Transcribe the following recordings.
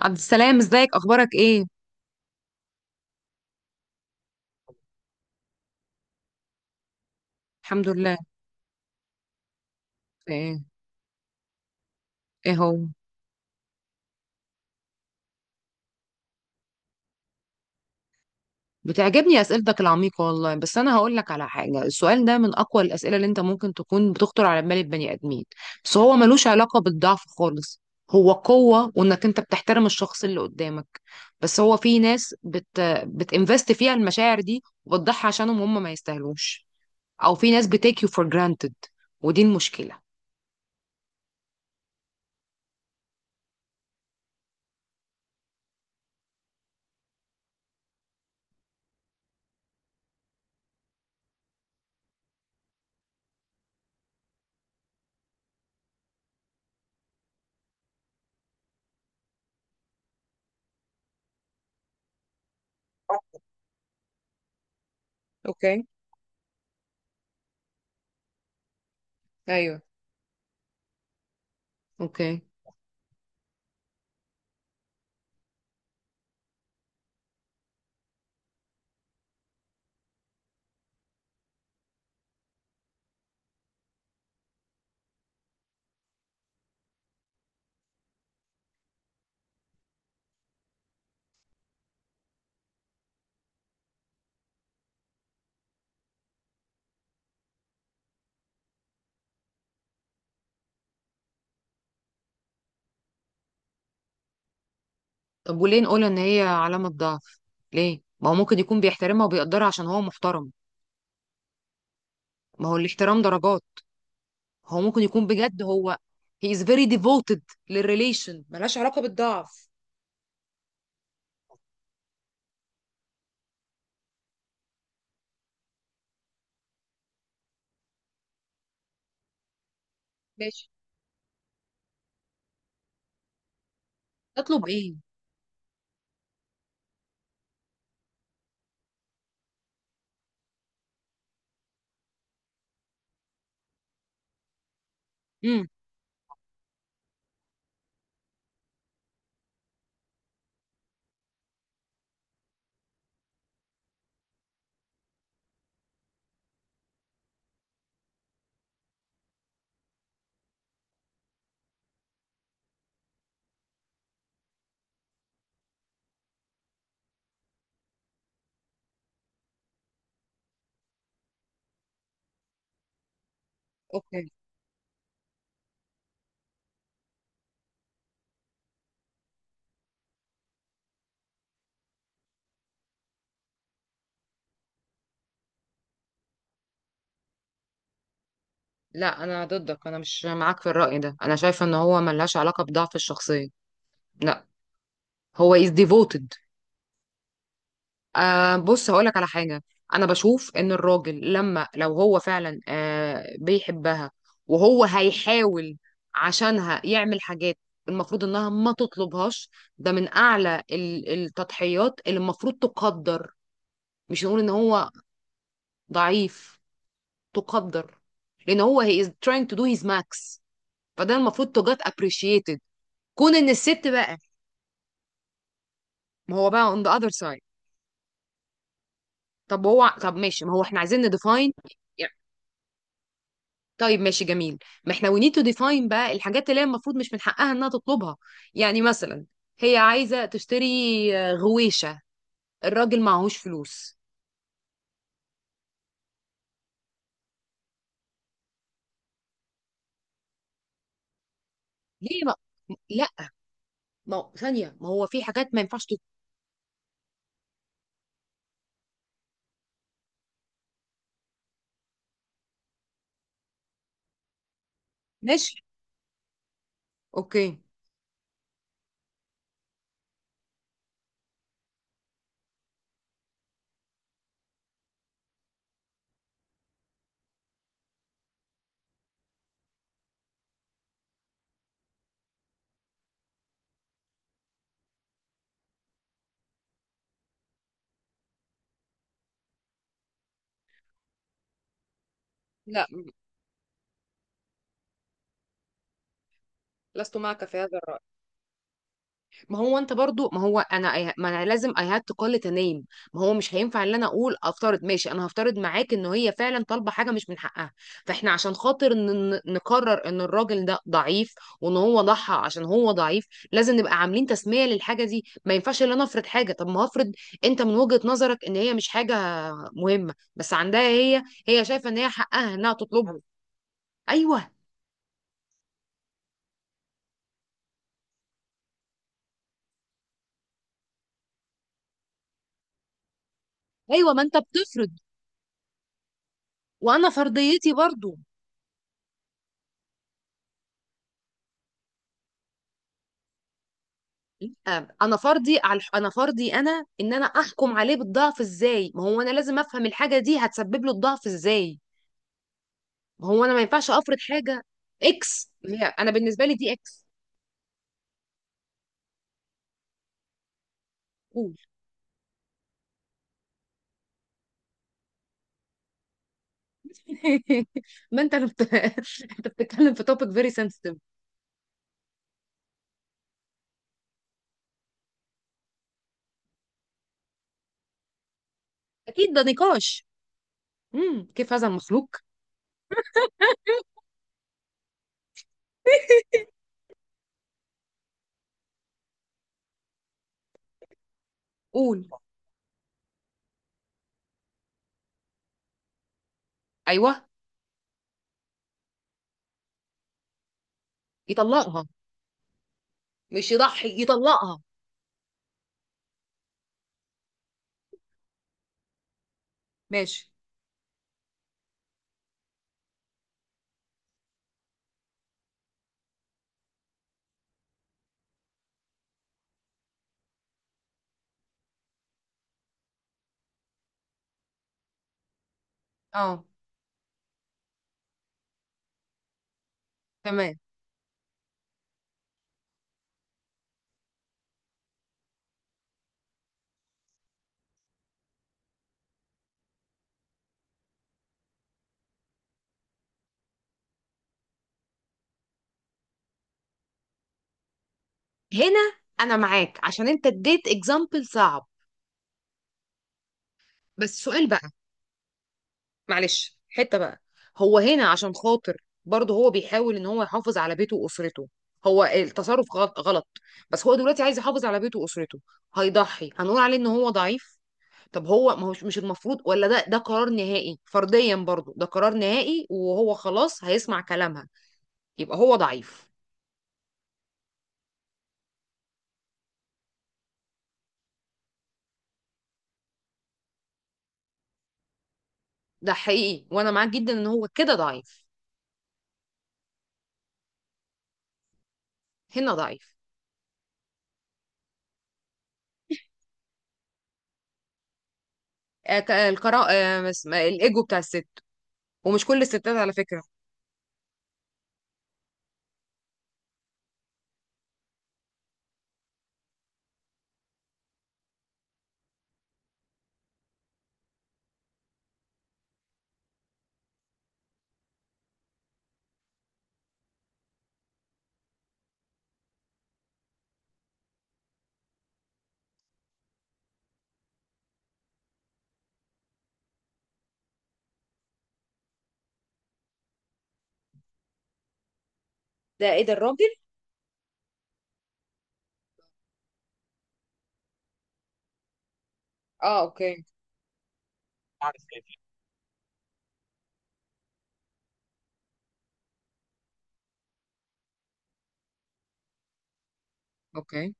عبد السلام، ازيك؟ اخبارك ايه؟ الحمد لله. ايه؟ ايه هو؟ بتعجبني اسئلتك العميقه والله، بس انا هقول لك على حاجه. السؤال ده من اقوى الاسئله اللي انت ممكن تكون بتخطر على بال البني ادمين. بس هو ملوش علاقه بالضعف خالص. هو قوه، وانك انت بتحترم الشخص اللي قدامك. بس هو في ناس بتinvest فيها المشاعر دي وبتضحي عشانهم، هم ما يستاهلوش. او في ناس بتيك يو فور جرانتد. ودي المشكله. اوكي. ايوه. اوكي. طب وليه نقول ان هي علامة ضعف؟ ليه؟ ما هو ممكن يكون بيحترمها وبيقدرها عشان هو محترم. ما هو الاحترام درجات. هو ممكن يكون بجد، هو he is very devoted للريليشن، ملهاش علاقة بالضعف. ماشي. تطلب ايه؟ امم. اوكي. لا، انا ضدك، انا مش معاك في الرأي ده، انا شايفة ان هو ملهاش علاقة بضعف الشخصية. لا. هو is devoted. بص هقولك على حاجة. أنا بشوف إن الراجل، لما لو هو فعلا بيحبها، وهو هيحاول عشانها يعمل حاجات المفروض إنها ما تطلبهاش. ده من أعلى التضحيات اللي المفروض تقدر. مش نقول إن هو ضعيف. تقدر. لأن هو he is trying to do his max. فده المفروض to get appreciated. كون إن الست بقى. ما هو بقى on the other side. طب هو، طب ماشي، ما هو إحنا عايزين نديفاين. طيب ماشي، جميل. ما احنا we need to define بقى الحاجات اللي هي المفروض مش من حقها انها تطلبها. يعني مثلا، هي عايزة تشتري غويشة، الراجل معهوش فلوس. ليه ما. لا. ما هو- ثانية، ما هو في حاجات ما ينفعش تت-. ماشي. اوكي. لا، لست معك في هذا الرأي. ما هو انت برضو، ما هو انا ما انا لازم I had to call it a name. ما هو مش هينفع ان انا اقول افترض، ماشي، انا هفترض معاك ان هي فعلا طالبه حاجه مش من حقها. فاحنا عشان خاطر نقرر ان الراجل ده ضعيف وان هو ضحى عشان هو ضعيف، لازم نبقى عاملين تسميه للحاجه دي. ما ينفعش ان انا افرض حاجه، طب ما هفرض. انت من وجهه نظرك ان هي مش حاجه مهمه، بس عندها هي. هي شايفه ان هي حقها انها تطلبها. ايوه. ايوه، ما انت بتفرض وانا فرضيتي برضو. انا فرضي انا، ان انا احكم عليه بالضعف ازاي؟ ما هو انا لازم افهم الحاجه دي هتسبب له الضعف ازاي. ما هو انا ما ينفعش افرض حاجه. اكس، هي انا بالنسبه لي دي اكس. قول. ما انت اللي بت... انت بتتكلم في توبيك فيري سنسيتيف. اكيد ده نقاش. كيف هذا المخلوق. قول. ايوه. يطلقها، مش يضحي، يطلقها. ماشي. اه. تمام. هنا انا معاك عشان انت اديت اكزامبل صعب. بس سؤال بقى. معلش، حتة بقى. هو هنا عشان خاطر، برضه هو بيحاول ان هو يحافظ على بيته واسرته. هو التصرف غلط، غلط. بس هو دلوقتي عايز يحافظ على بيته واسرته. هيضحي، هنقول عليه ان هو ضعيف؟ طب هو، ما هوش مش المفروض، ولا ده قرار نهائي فرديا، برضه ده قرار نهائي وهو خلاص هيسمع كلامها؟ يبقى هو ضعيف. ده حقيقي، وانا معاك جدا ان هو كده ضعيف. هنا ضعيف. الايجو بتاع الست. ومش كل الستات على فكرة. ده ايه ده الراجل. اه، اوكي. اوكي.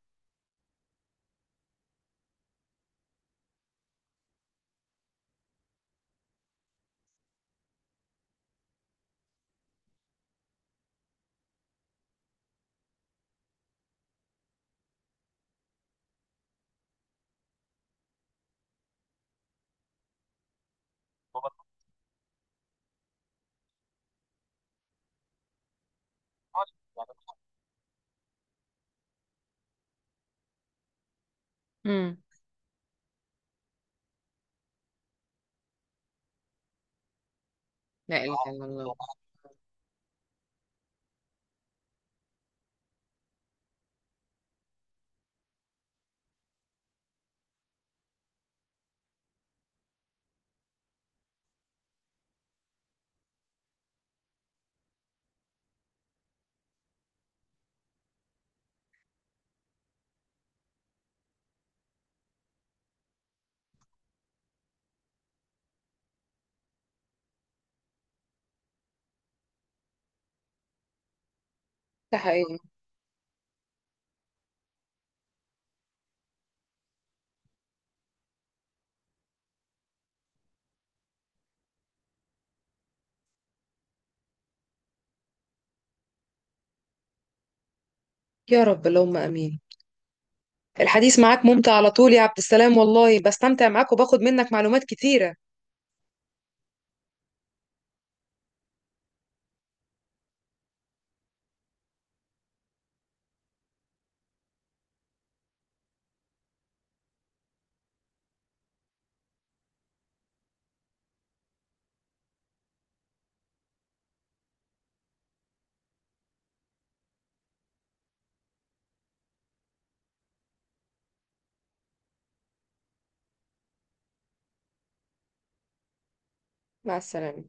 لا إله إلا الله. ده حقيقي. يا رب، اللهم امين. الحديث معاك ممتع على طول يا عبد السلام، والله بستمتع معاك وباخد منك معلومات كتيرة. مع السلامة.